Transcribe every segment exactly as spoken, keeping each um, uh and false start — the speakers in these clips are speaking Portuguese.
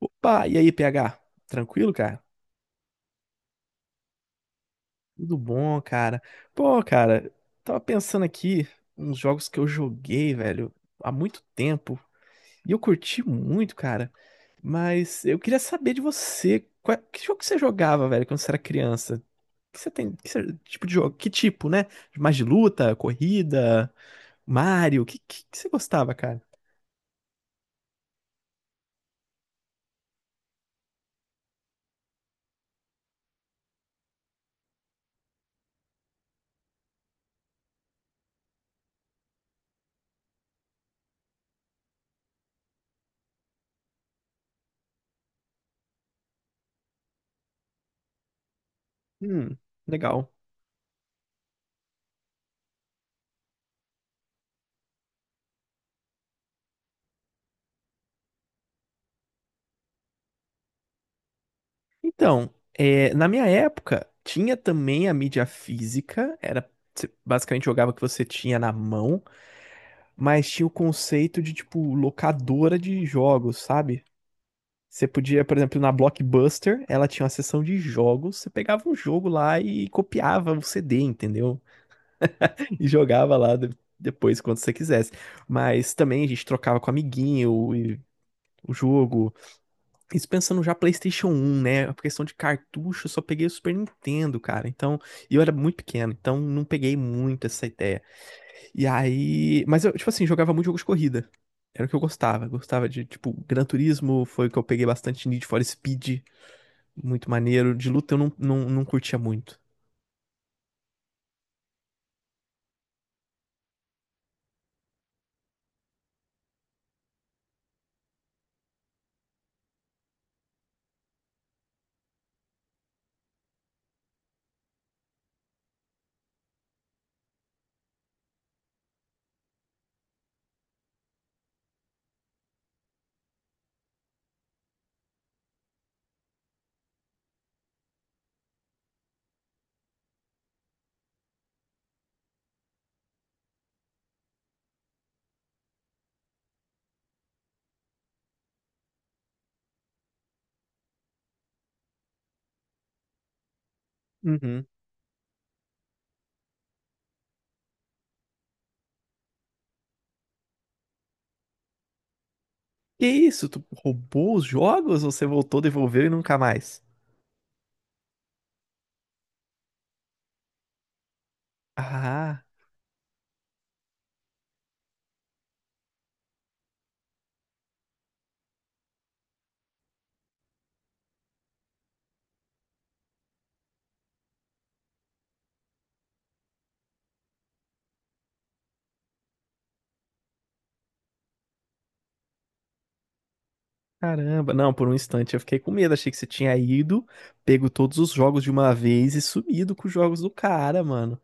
Opa, e aí, P H? Tranquilo, cara? Tudo bom, cara? Pô, cara, tava pensando aqui uns jogos que eu joguei, velho, há muito tempo. E eu curti muito, cara. Mas eu queria saber de você, qual- que jogo que você jogava, velho, quando você era criança? Que você tem, que você- tipo de jogo, que tipo, né? Mais de luta, corrida, Mario, que que, que você gostava, cara? Hum, legal. Então, é, na minha época, tinha também a mídia física, era você basicamente jogava o que você tinha na mão, mas tinha o conceito de, tipo, locadora de jogos, sabe? Você podia, por exemplo, na Blockbuster, ela tinha uma seção de jogos, você pegava um jogo lá e copiava o C D, entendeu? E jogava lá de- depois, quando você quisesse. Mas também a gente trocava com amiguinho e o jogo. Isso pensando já PlayStation um, né? A questão de cartucho, eu só peguei o Super Nintendo, cara. Então, e eu era muito pequeno, então não peguei muito essa ideia. E aí, mas eu, tipo assim, jogava muito jogo de corrida. Era o que eu gostava. Gostava de, tipo, Gran Turismo, foi o que eu peguei bastante. Need for Speed, muito maneiro. De luta eu não, não, não curtia muito. Uhum. Que isso? Tu roubou os jogos ou você voltou, devolveu e nunca mais? Ah. Caramba, não, por um instante eu fiquei com medo, achei que você tinha ido, pego todos os jogos de uma vez e sumido com os jogos do cara, mano.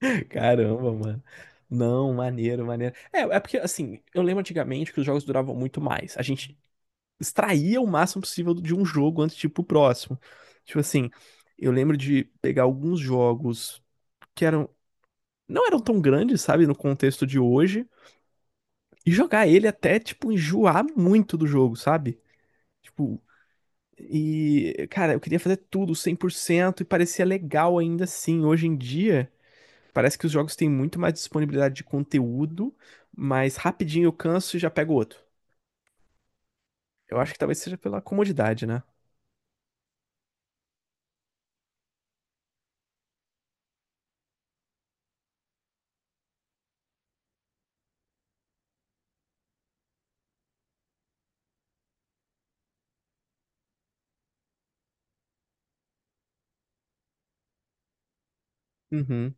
Caramba, mano. Não, maneiro, maneiro. É, é porque assim, eu lembro antigamente que os jogos duravam muito mais. A gente extraía o máximo possível de um jogo antes de ir pro próximo. Tipo assim, eu lembro de pegar alguns jogos que eram não eram tão grandes, sabe, no contexto de hoje, e jogar ele até tipo enjoar muito do jogo, sabe? Tipo, e, cara, eu queria fazer tudo cem por cento e parecia legal ainda assim. Hoje em dia, parece que os jogos têm muito mais disponibilidade de conteúdo, mas rapidinho eu canso e já pego outro. Eu acho que talvez seja pela comodidade, né? Uhum.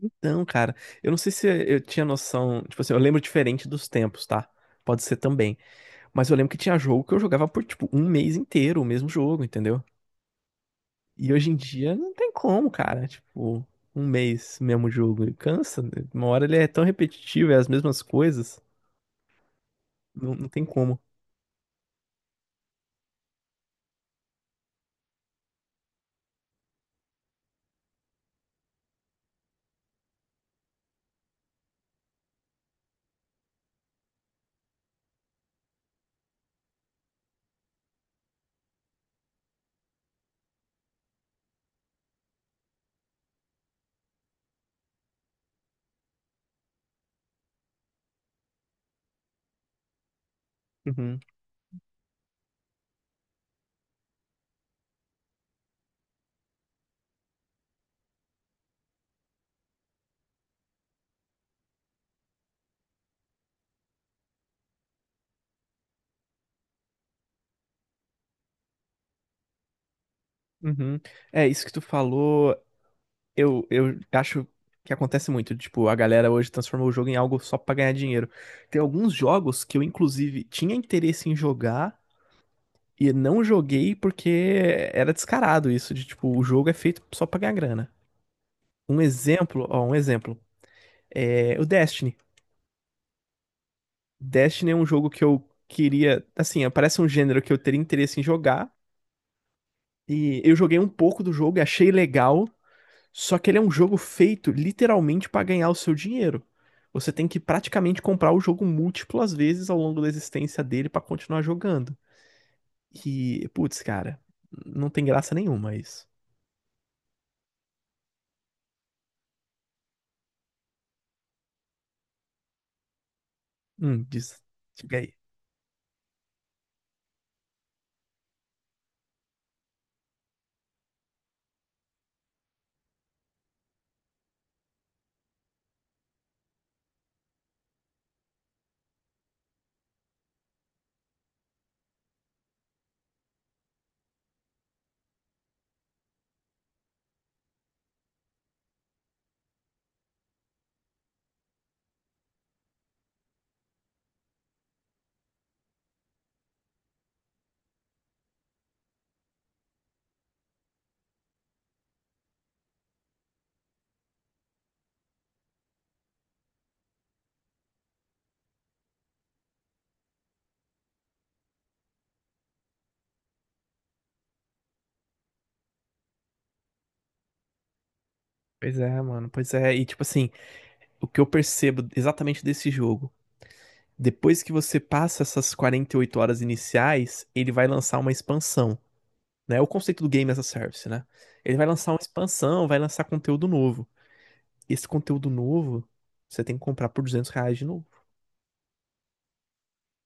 Então, cara, eu não sei se eu tinha noção. Tipo assim, eu lembro diferente dos tempos, tá? Pode ser também. Mas eu lembro que tinha jogo que eu jogava por, tipo, um mês inteiro, o mesmo jogo, entendeu? E hoje em dia não tem como, cara. Tipo, um mês mesmo jogo cansa, né? Uma hora ele é tão repetitivo, é as mesmas coisas. Não, não tem como. Uhum, uhum. É, isso que tu falou, eu, eu acho que acontece muito. Tipo, a galera hoje transformou o jogo em algo só pra ganhar dinheiro. Tem alguns jogos que eu, inclusive, tinha interesse em jogar e não joguei porque era descarado isso, de tipo, o jogo é feito só pra ganhar grana. Um exemplo, ó, um exemplo. É o Destiny. Destiny é um jogo que eu queria, assim, parece um gênero que eu teria interesse em jogar. E eu joguei um pouco do jogo e achei legal, só que ele é um jogo feito literalmente pra ganhar o seu dinheiro. Você tem que praticamente comprar o jogo múltiplas vezes ao longo da existência dele pra continuar jogando. E, putz, cara, não tem graça nenhuma isso. Hum, diz, diga aí. Pois é, mano, pois é. E tipo assim, o que eu percebo exatamente desse jogo, depois que você passa essas quarenta e oito horas iniciais, ele vai lançar uma expansão, né? É o conceito do Game as a Service, né? Ele vai lançar uma expansão, vai lançar conteúdo novo. Esse conteúdo novo, você tem que comprar por duzentos reais de novo.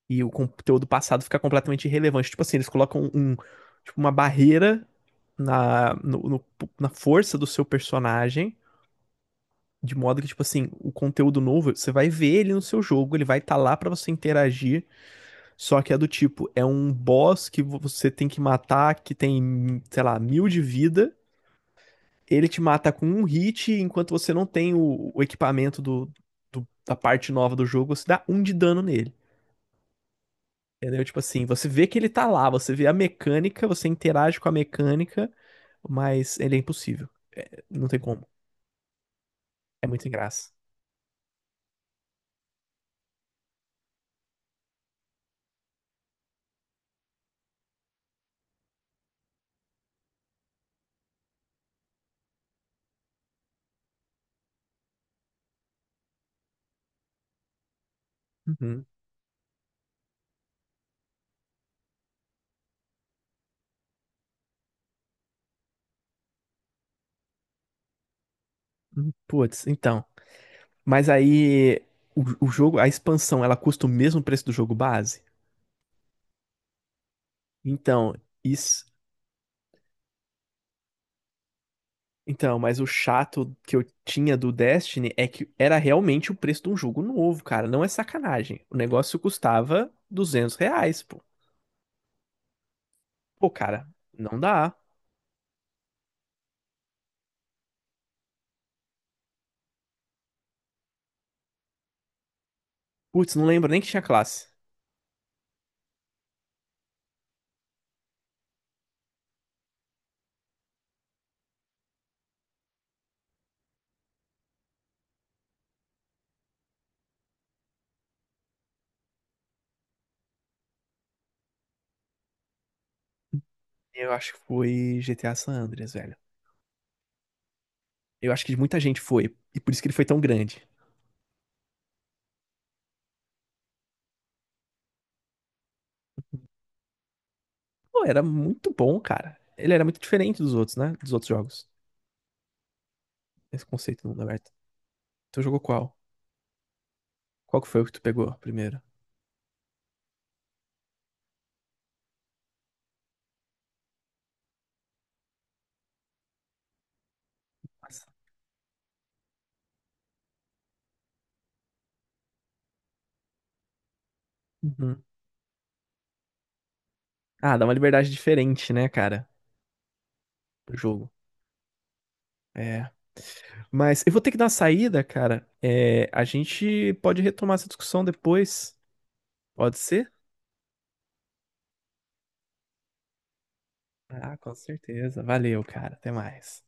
E o conteúdo passado fica completamente irrelevante. Tipo assim, eles colocam um, tipo, uma barreira na, no- no- na força do seu personagem, de modo que, tipo assim, o conteúdo novo, você vai ver ele no seu jogo, ele vai estar lá pra você interagir. Só que é do tipo, é um boss que você tem que matar, que tem, sei lá, mil de vida. Ele te mata com um hit, enquanto você não tem o, o equipamento do, do- da parte nova do jogo, você dá um de dano nele. Entendeu? Tipo assim, você vê que ele tá lá, você vê a mecânica, você interage com a mecânica, mas ele é impossível. Não tem como. É muito engraçado. Uhum. Uhum. Putz, então. Mas aí, o, o jogo, a expansão, ela custa o mesmo preço do jogo base? Então, isso. Então, mas o chato que eu tinha do Destiny é que era realmente o preço de um jogo novo, cara. Não é sacanagem. O negócio custava duzentos reais, pô. Pô, cara, não dá. Putz, não lembro nem que tinha classe. Eu acho que foi G T A San Andreas, velho. Eu acho que muita gente foi, e por isso que ele foi tão grande. Pô, era muito bom, cara. Ele era muito diferente dos outros, né? Dos outros jogos. Esse conceito do mundo aberto. Tu jogou qual? Qual que foi o que tu pegou primeiro? Nossa. Uhum. Ah, dá uma liberdade diferente, né, cara? Pro jogo. É. Mas eu vou ter que dar uma saída, cara. É, a gente pode retomar essa discussão depois. Pode ser? Ah, com certeza. Valeu, cara. Até mais.